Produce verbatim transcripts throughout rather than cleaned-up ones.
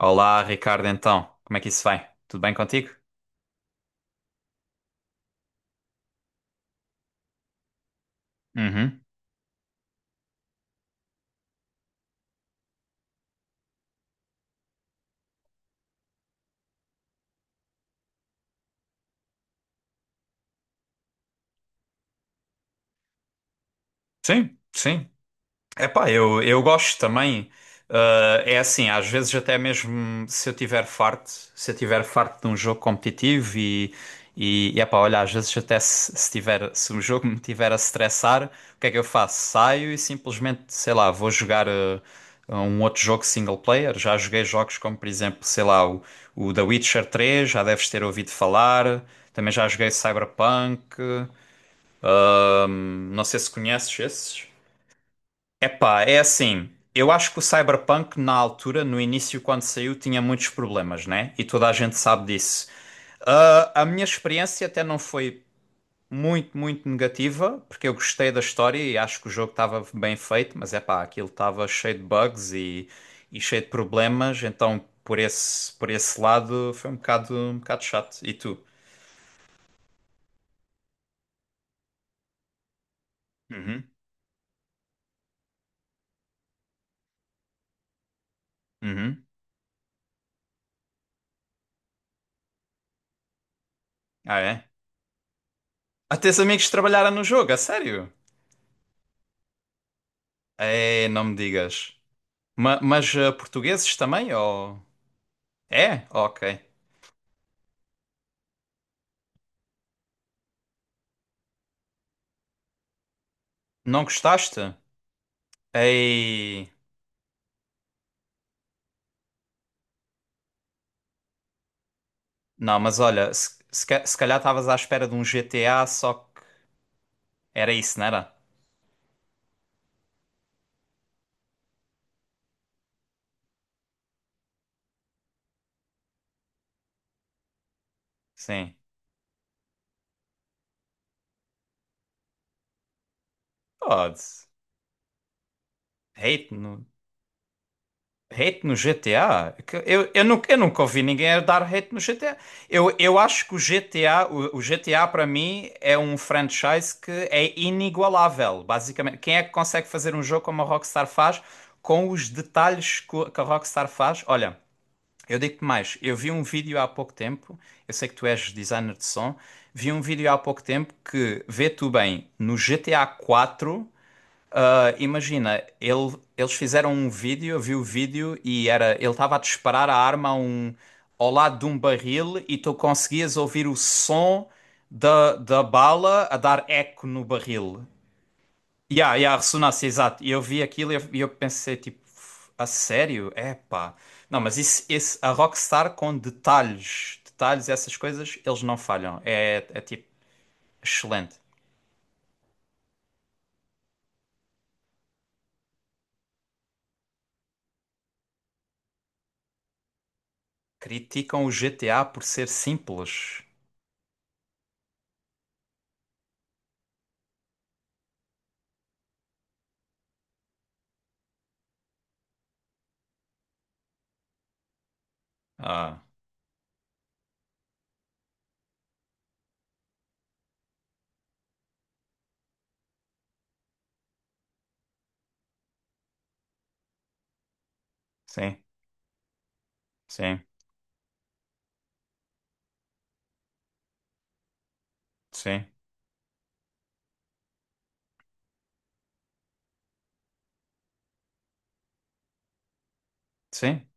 Olá, Ricardo, então, como é que isso vai? Tudo bem contigo? Uhum. Sim, sim. Epá, eu, eu gosto também. Ah, é assim, às vezes até mesmo se eu tiver farto, se eu tiver farto de um jogo competitivo e, e, e epá, olha, às vezes até se, se tiver, se o jogo me tiver a stressar, o que é que eu faço? Saio e simplesmente, sei lá, vou jogar ah, um outro jogo single player. Já joguei jogos como, por exemplo, sei lá, o, o The Witcher três. Já deves ter ouvido falar. Também já joguei Cyberpunk. Não sei se conheces esses. Epá, é assim. Eu acho que o Cyberpunk, na altura, no início, quando saiu, tinha muitos problemas, né? E toda a gente sabe disso. Ah, a minha experiência até não foi muito, muito negativa, porque eu gostei da história e acho que o jogo estava bem feito, mas epá, aquilo estava cheio de bugs e, e cheio de problemas, então por esse, por esse lado foi um bocado, um bocado chato. E tu? Uhum, uhum. Ah, é? Até os amigos trabalharam no jogo, a sério? É, não me digas. Ma- mas eh, portugueses também? Ou... É? Ok. Não gostaste? Ei. Não, mas olha, se, se, ca- se calhar estavas à espera de um G T A, só que era isso, não era? Sim. Pode. Hate. Hate no G T A? Que Eu, eu, nunca, eu nunca ouvi ninguém a dar hate no G T A. Eu, eu acho que o G T A, o, o G T A para mim é um franchise que é inigualável, basicamente. Quem é que consegue fazer um jogo como a Rockstar faz, com os detalhes co- que a Rockstar faz? Olha, eu digo-te mais, eu vi um vídeo há pouco tempo, eu sei que tu és designer de som, vi um vídeo há pouco tempo que vê tu bem no G T A quatro. Ah, imagina, ele- eles fizeram um vídeo, eu vi o vídeo e era, ele estava a disparar a arma a um- ao lado de um barril e tu conseguias ouvir o som da, da bala a dar eco no barril. E yeah, yeah, a ressonância, exato. E eu vi aquilo e eu, e eu pensei, tipo, a sério? Epá. Não, mas isso, isso- a Rockstar com detalhes, detalhes, essas coisas, eles não falham. É, é tipo, excelente. Criticam o G T A por ser simples. Ah. Sim. Sim, sim, sim,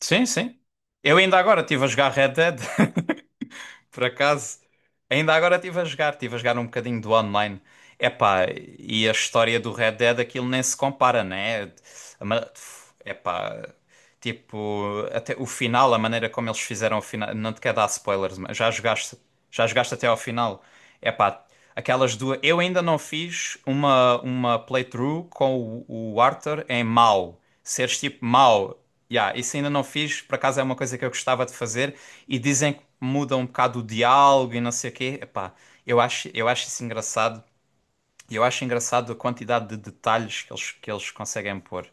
sim, sim. Eu ainda agora estive a jogar Red Dead. Por acaso, ainda agora estive a jogar, estive a jogar um bocadinho do online. Epá, e a história do Red Dead, aquilo nem se compara, né? A ma- Epá, tipo, até o final, a maneira como eles fizeram o final, não te quero dar spoilers, mas já jogaste, já jogaste até ao final. Epá, aquelas duas. Eu ainda não fiz uma, uma playthrough com o, o Arthur em mau. Seres tipo mau. Yeah, isso ainda não fiz, por acaso é uma coisa que eu gostava de fazer e dizem que muda um bocado o diálogo e não sei o quê. Epá, eu acho, eu acho isso engraçado. E eu acho engraçado a quantidade de detalhes que eles, que eles conseguem pôr.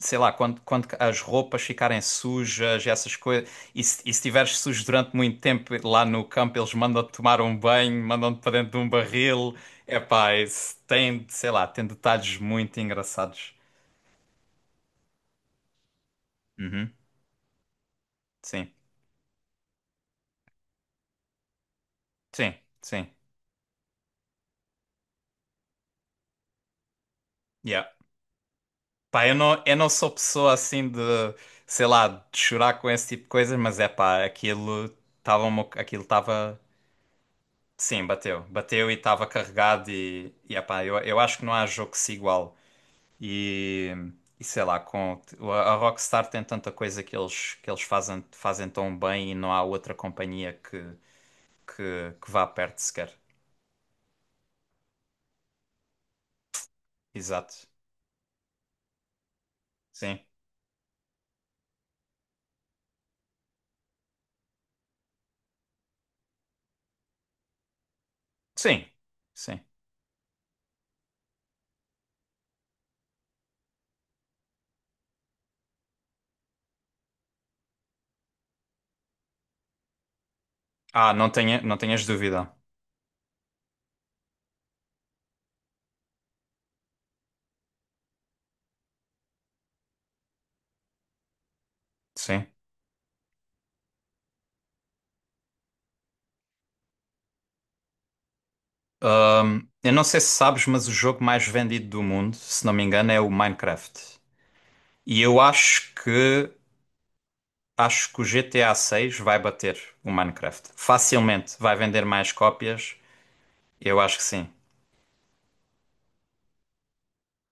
Sei lá, quando, quando as roupas ficarem sujas, e essas coisas, e se, e se estiveres sujo durante muito tempo lá no campo, eles mandam-te tomar um banho, mandam-te para dentro de um barril. Epá, isso tem, sei lá, tem detalhes muito engraçados. Uhum. Sim, sim, sim. Yeah. Pá, eu não, eu não sou pessoa assim de, sei lá, de chorar com esse tipo de coisas, mas é pá, aquilo estava, um boc- aquilo estava, sim, bateu, bateu e estava carregado e, e é pá, eu, eu acho que não há jogo que se iguale e, e sei lá, com, a a Rockstar tem tanta coisa que eles, que eles fazem, fazem tão bem e não há outra companhia que, que, que vá perto sequer, exato, sim, sim, sim, ah, não tenha, não tenhas dúvida, sim. Ahm, eu não sei se sabes, mas o jogo mais vendido do mundo, se não me engano, é o Minecraft. E eu acho que acho que o G T A seis vai bater o Minecraft. Facilmente vai vender mais cópias. Eu acho que sim.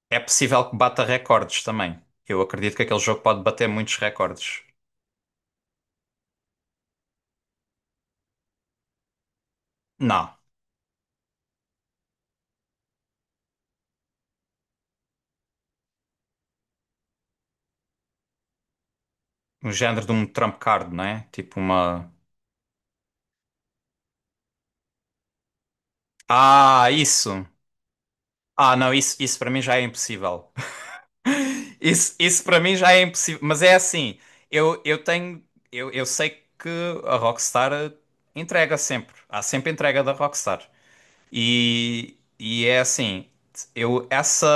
É possível que bata recordes também. Eu acredito que aquele jogo pode bater muitos recordes. Não, um género de um trump card, não é? Tipo uma. Ah, isso. Ah, não, isso, isso para mim já é impossível. Isso, isso para mim já é impossível. Mas é assim, eu, eu tenho. Eu, eu sei que a Rockstar eh, entrega sempre. Há sempre entrega da Rockstar. E, e é assim, eu essa.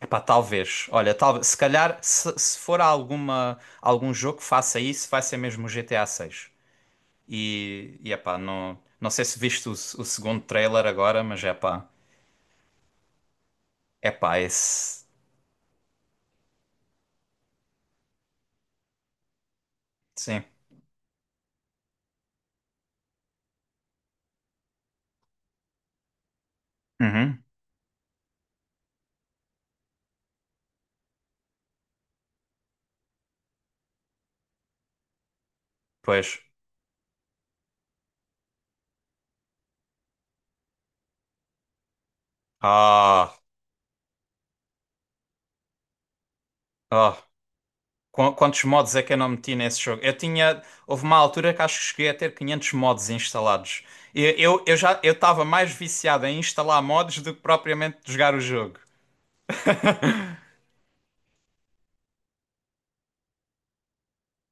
Epá, talvez. Olha, talvez, se calhar, se, se for alguma, algum jogo que faça isso, vai ser mesmo o G T A seis. E, e epá, não, não sei se viste o, o segundo trailer agora, mas epá, epá, esse. Sim. Uhum. Pois. Ah. Ah. Qu- Quantos mods é que eu não meti nesse jogo? Eu tinha. Houve uma altura que acho que cheguei a ter quinhentos mods instalados. E Eu, eu, já eu estava mais viciado em instalar mods do que propriamente jogar o jogo.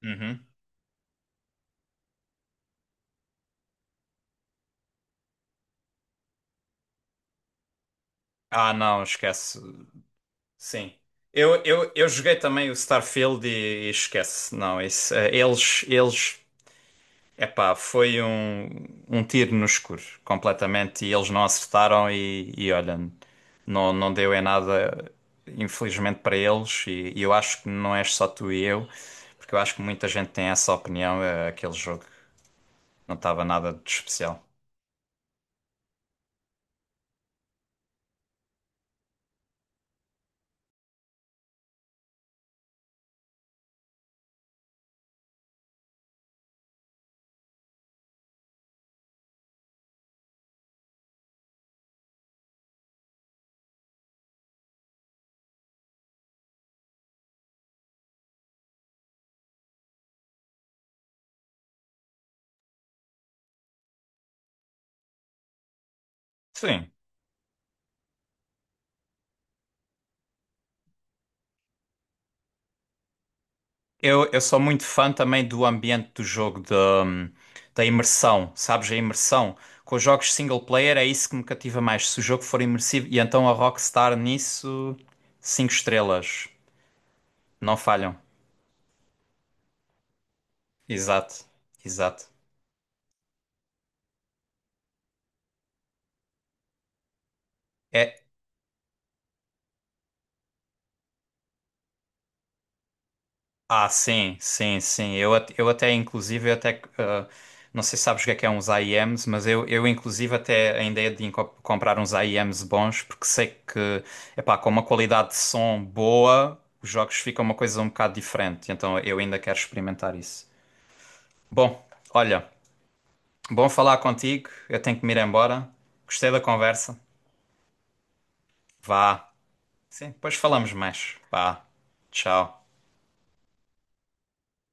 Uhum. Ah, não, esquece. Sim. Eu, eu, eu joguei também o Starfield e, e esquece. Não, isso, eh, eles, eles Epá, foi um, um tiro no escuro, completamente, e eles não acertaram e, e olha, não, não deu em nada, infelizmente para eles, e, e eu acho que não és só tu e eu, porque eu acho que muita gente tem essa opinião, eh, aquele jogo não estava nada de especial. Sim, eu, eu sou muito fã também do ambiente do jogo, da da imersão, sabes? A imersão. Com os jogos single player é isso que me cativa mais. Se o jogo for imersivo, e então a Rockstar nisso, cinco estrelas. Não falham. Exato, exato. É, ah, sim, sim, sim. Eu, at- eu até, inclusive, eu até, ah, não sei se sabes o que é que é uns I E Ms, mas eu, eu inclusive, até a ideia de inco- comprar uns I E Ms bons, porque sei que, epá, com uma qualidade de som boa, os jogos ficam uma coisa um bocado diferente. Então, eu ainda quero experimentar isso. Bom, olha, bom falar contigo. Eu tenho que me ir embora. Gostei da conversa. Vá. Sim, depois falamos mais. Vá. Tchau.